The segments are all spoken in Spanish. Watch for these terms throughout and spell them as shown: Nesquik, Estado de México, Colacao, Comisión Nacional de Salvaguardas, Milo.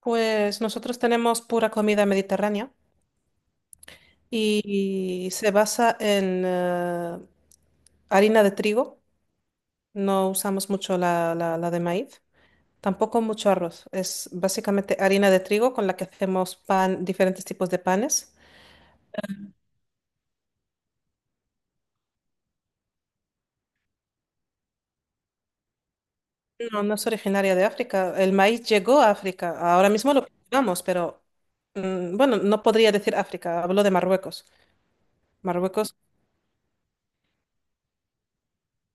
Pues nosotros tenemos pura comida mediterránea y se basa en harina de trigo, no usamos mucho la de maíz, tampoco mucho arroz, es básicamente harina de trigo con la que hacemos pan, diferentes tipos de panes. No, no es originaria de África, el maíz llegó a África, ahora mismo lo cultivamos, pero bueno, no podría decir África, hablo de Marruecos. Marruecos.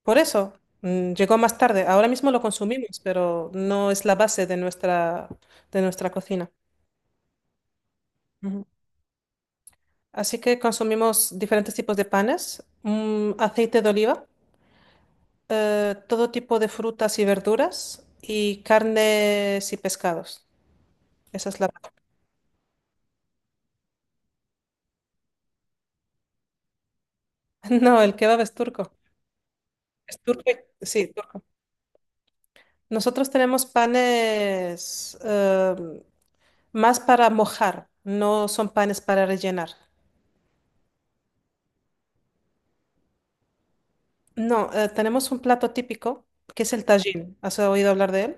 Por eso, llegó más tarde. Ahora mismo lo consumimos, pero no es la base de de nuestra cocina. Ujú. Así que consumimos diferentes tipos de panes, mm, aceite de oliva, todo tipo de frutas y verduras y carnes y pescados. Esa es la... No, el kebab es turco. Es turco, sí, turco. Nosotros tenemos panes más para mojar, no son panes para rellenar. No, tenemos un plato típico que es el tajín. ¿Has oído hablar de él?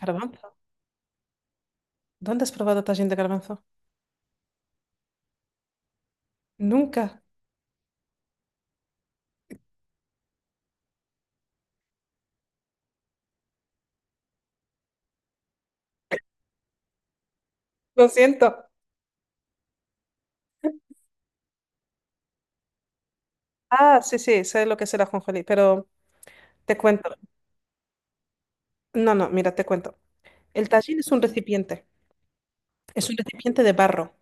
Garbanzo. ¿Dónde has probado tajín de garbanzo? Nunca. Lo siento. Ah, sí, sí, sé lo que es el ajonjolí, pero te cuento. No, no, mira, te cuento. El tajín es un recipiente de barro.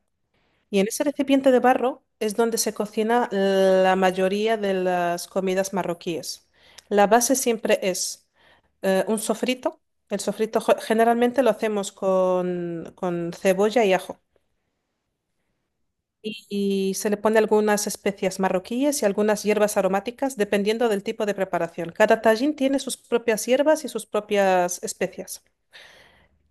Y en ese recipiente de barro es donde se cocina la mayoría de las comidas marroquíes. La base siempre es un sofrito. El sofrito generalmente lo hacemos con cebolla y ajo. Y se le pone algunas especias marroquíes y algunas hierbas aromáticas, dependiendo del tipo de preparación. Cada tajín tiene sus propias hierbas y sus propias especias.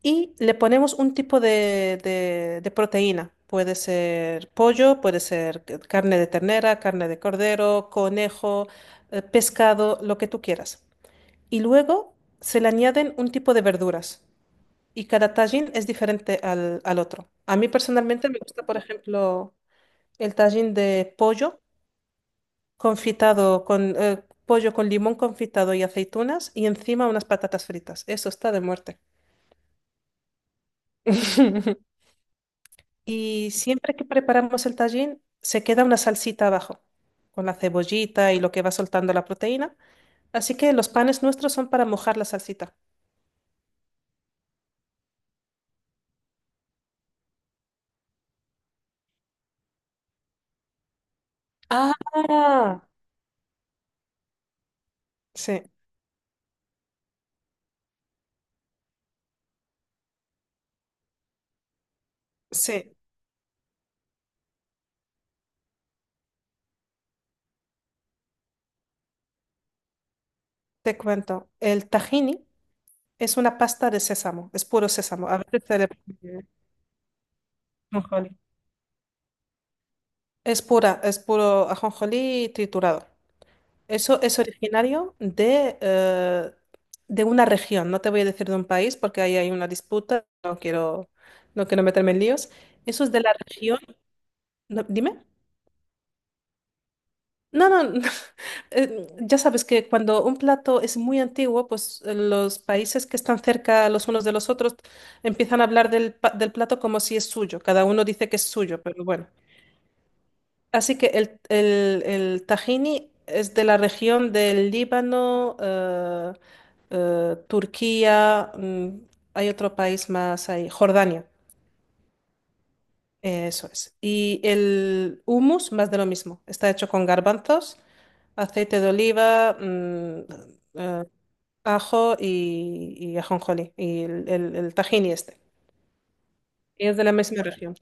Y le ponemos un tipo de proteína. Puede ser pollo, puede ser carne de ternera, carne de cordero, conejo, pescado, lo que tú quieras. Y luego se le añaden un tipo de verduras. Y cada tajín es diferente al otro. A mí personalmente me gusta, por ejemplo, el tajín de pollo confitado con pollo con limón confitado y aceitunas y encima unas patatas fritas. Eso está de muerte. Y siempre que preparamos el tajín, se queda una salsita abajo, con la cebollita y lo que va soltando la proteína. Así que los panes nuestros son para mojar la salsita. Ah, sí, sí, te cuento. El tahini es una pasta de sésamo, es puro sésamo. A veces se le pone... Es pura, es puro ajonjolí triturado. Eso es originario de una región, no te voy a decir de un país porque ahí hay una disputa, no quiero, no quiero meterme en líos. Eso es de la región, no, dime. No, no, no, ya sabes que cuando un plato es muy antiguo, pues los países que están cerca los unos de los otros empiezan a hablar del plato como si es suyo, cada uno dice que es suyo, pero bueno. Así que el tahini es de la región del Líbano, Turquía, mm, hay otro país más ahí, Jordania, eso es. Y el hummus, más de lo mismo. Está hecho con garbanzos, aceite de oliva, mm, eh, ajo y ajonjolí, y el tahini este. Y es de la misma región.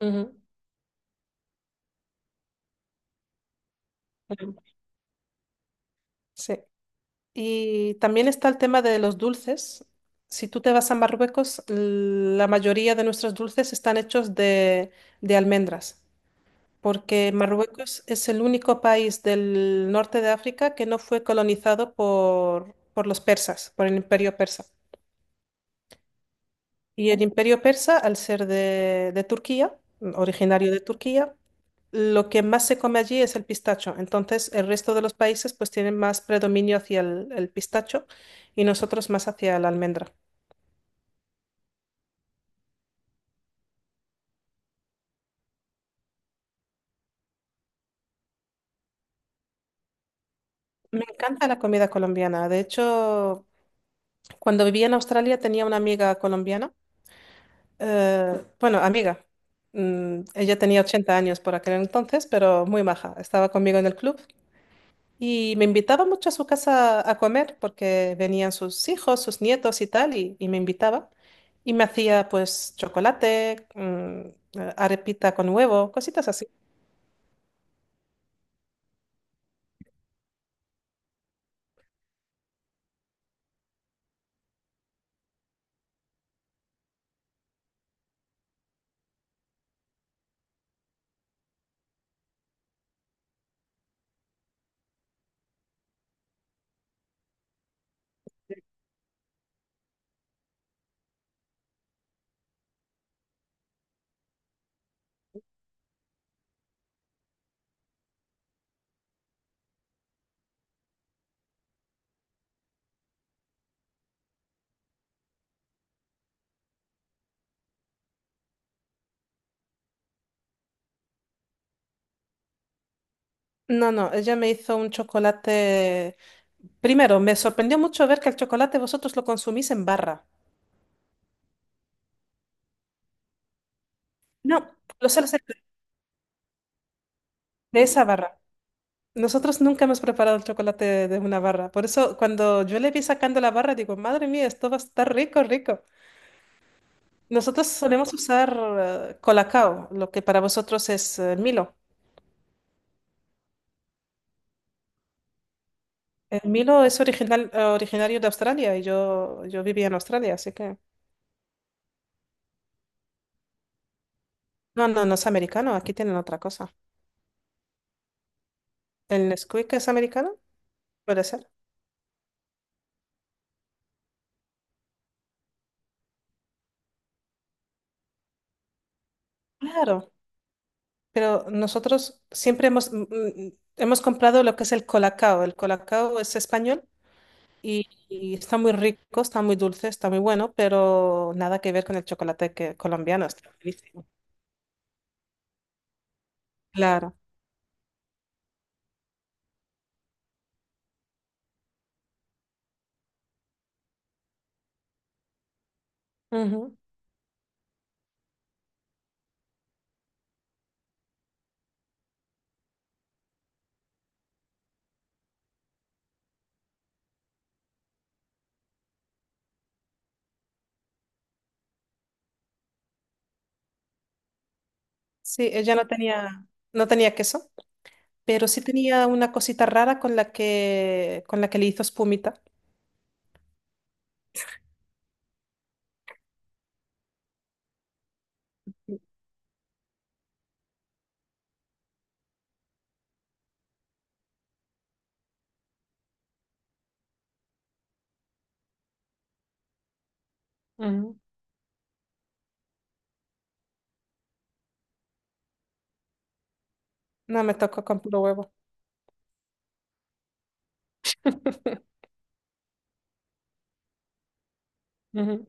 Ujú, ujú. Sí. Y también está el tema de los dulces. Si tú te vas a Marruecos, la mayoría de nuestros dulces están hechos de almendras, porque Marruecos es el único país del norte de África que no fue colonizado por los persas, por el imperio persa. Y el imperio persa, al ser de Turquía, originario de Turquía, lo que más se come allí es el pistacho. Entonces, el resto de los países pues tienen más predominio hacia el pistacho y nosotros más hacia la almendra. Me encanta la comida colombiana. De hecho, cuando vivía en Australia tenía una amiga colombiana. Bueno, amiga. Mm, ella tenía 80 años por aquel entonces, pero muy maja. Estaba conmigo en el club. Y me invitaba mucho a su casa a comer porque venían sus hijos, sus nietos y tal, y me invitaba. Y me hacía pues chocolate, mm, arepita con huevo, cositas así. No, no, ella me hizo un chocolate. Primero, me sorprendió mucho ver que el chocolate vosotros lo consumís en barra. No, lo suele hacer de esa barra. Nosotros nunca hemos preparado el chocolate de una barra. Por eso, cuando yo le vi sacando la barra, digo, madre mía, esto va a estar rico, rico. Nosotros solemos usar Colacao, lo que para vosotros es Milo. El Milo es original, originario de Australia y yo vivía en Australia, así que... No, no, no es americano, aquí tienen otra cosa. ¿El Nesquik es americano? Puede ser. Claro, pero nosotros siempre hemos, mm, mm, hemos comprado lo que es el Colacao. El Colacao es español y está muy rico, está muy dulce, está muy bueno, pero nada que ver con el chocolate que, colombiano, está buenísimo. Claro. Ujú. Sí, ella no tenía, no tenía queso, pero sí tenía una cosita rara con la que le hizo espumita. Ujú. No, me tocó con puro huevo. Ujú.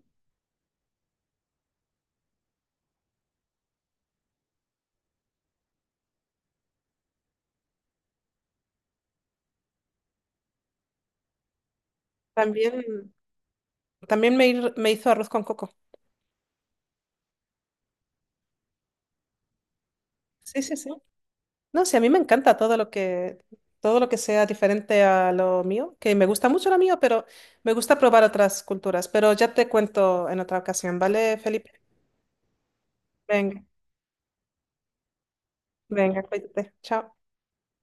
También, me hizo arroz con coco. Sí, sí, sí. No, sí, a mí me encanta todo lo que sea diferente a lo mío, que me gusta mucho lo mío, pero me gusta probar otras culturas. Pero ya te cuento en otra ocasión, ¿vale, Felipe? Venga, venga, cuídate. Chao.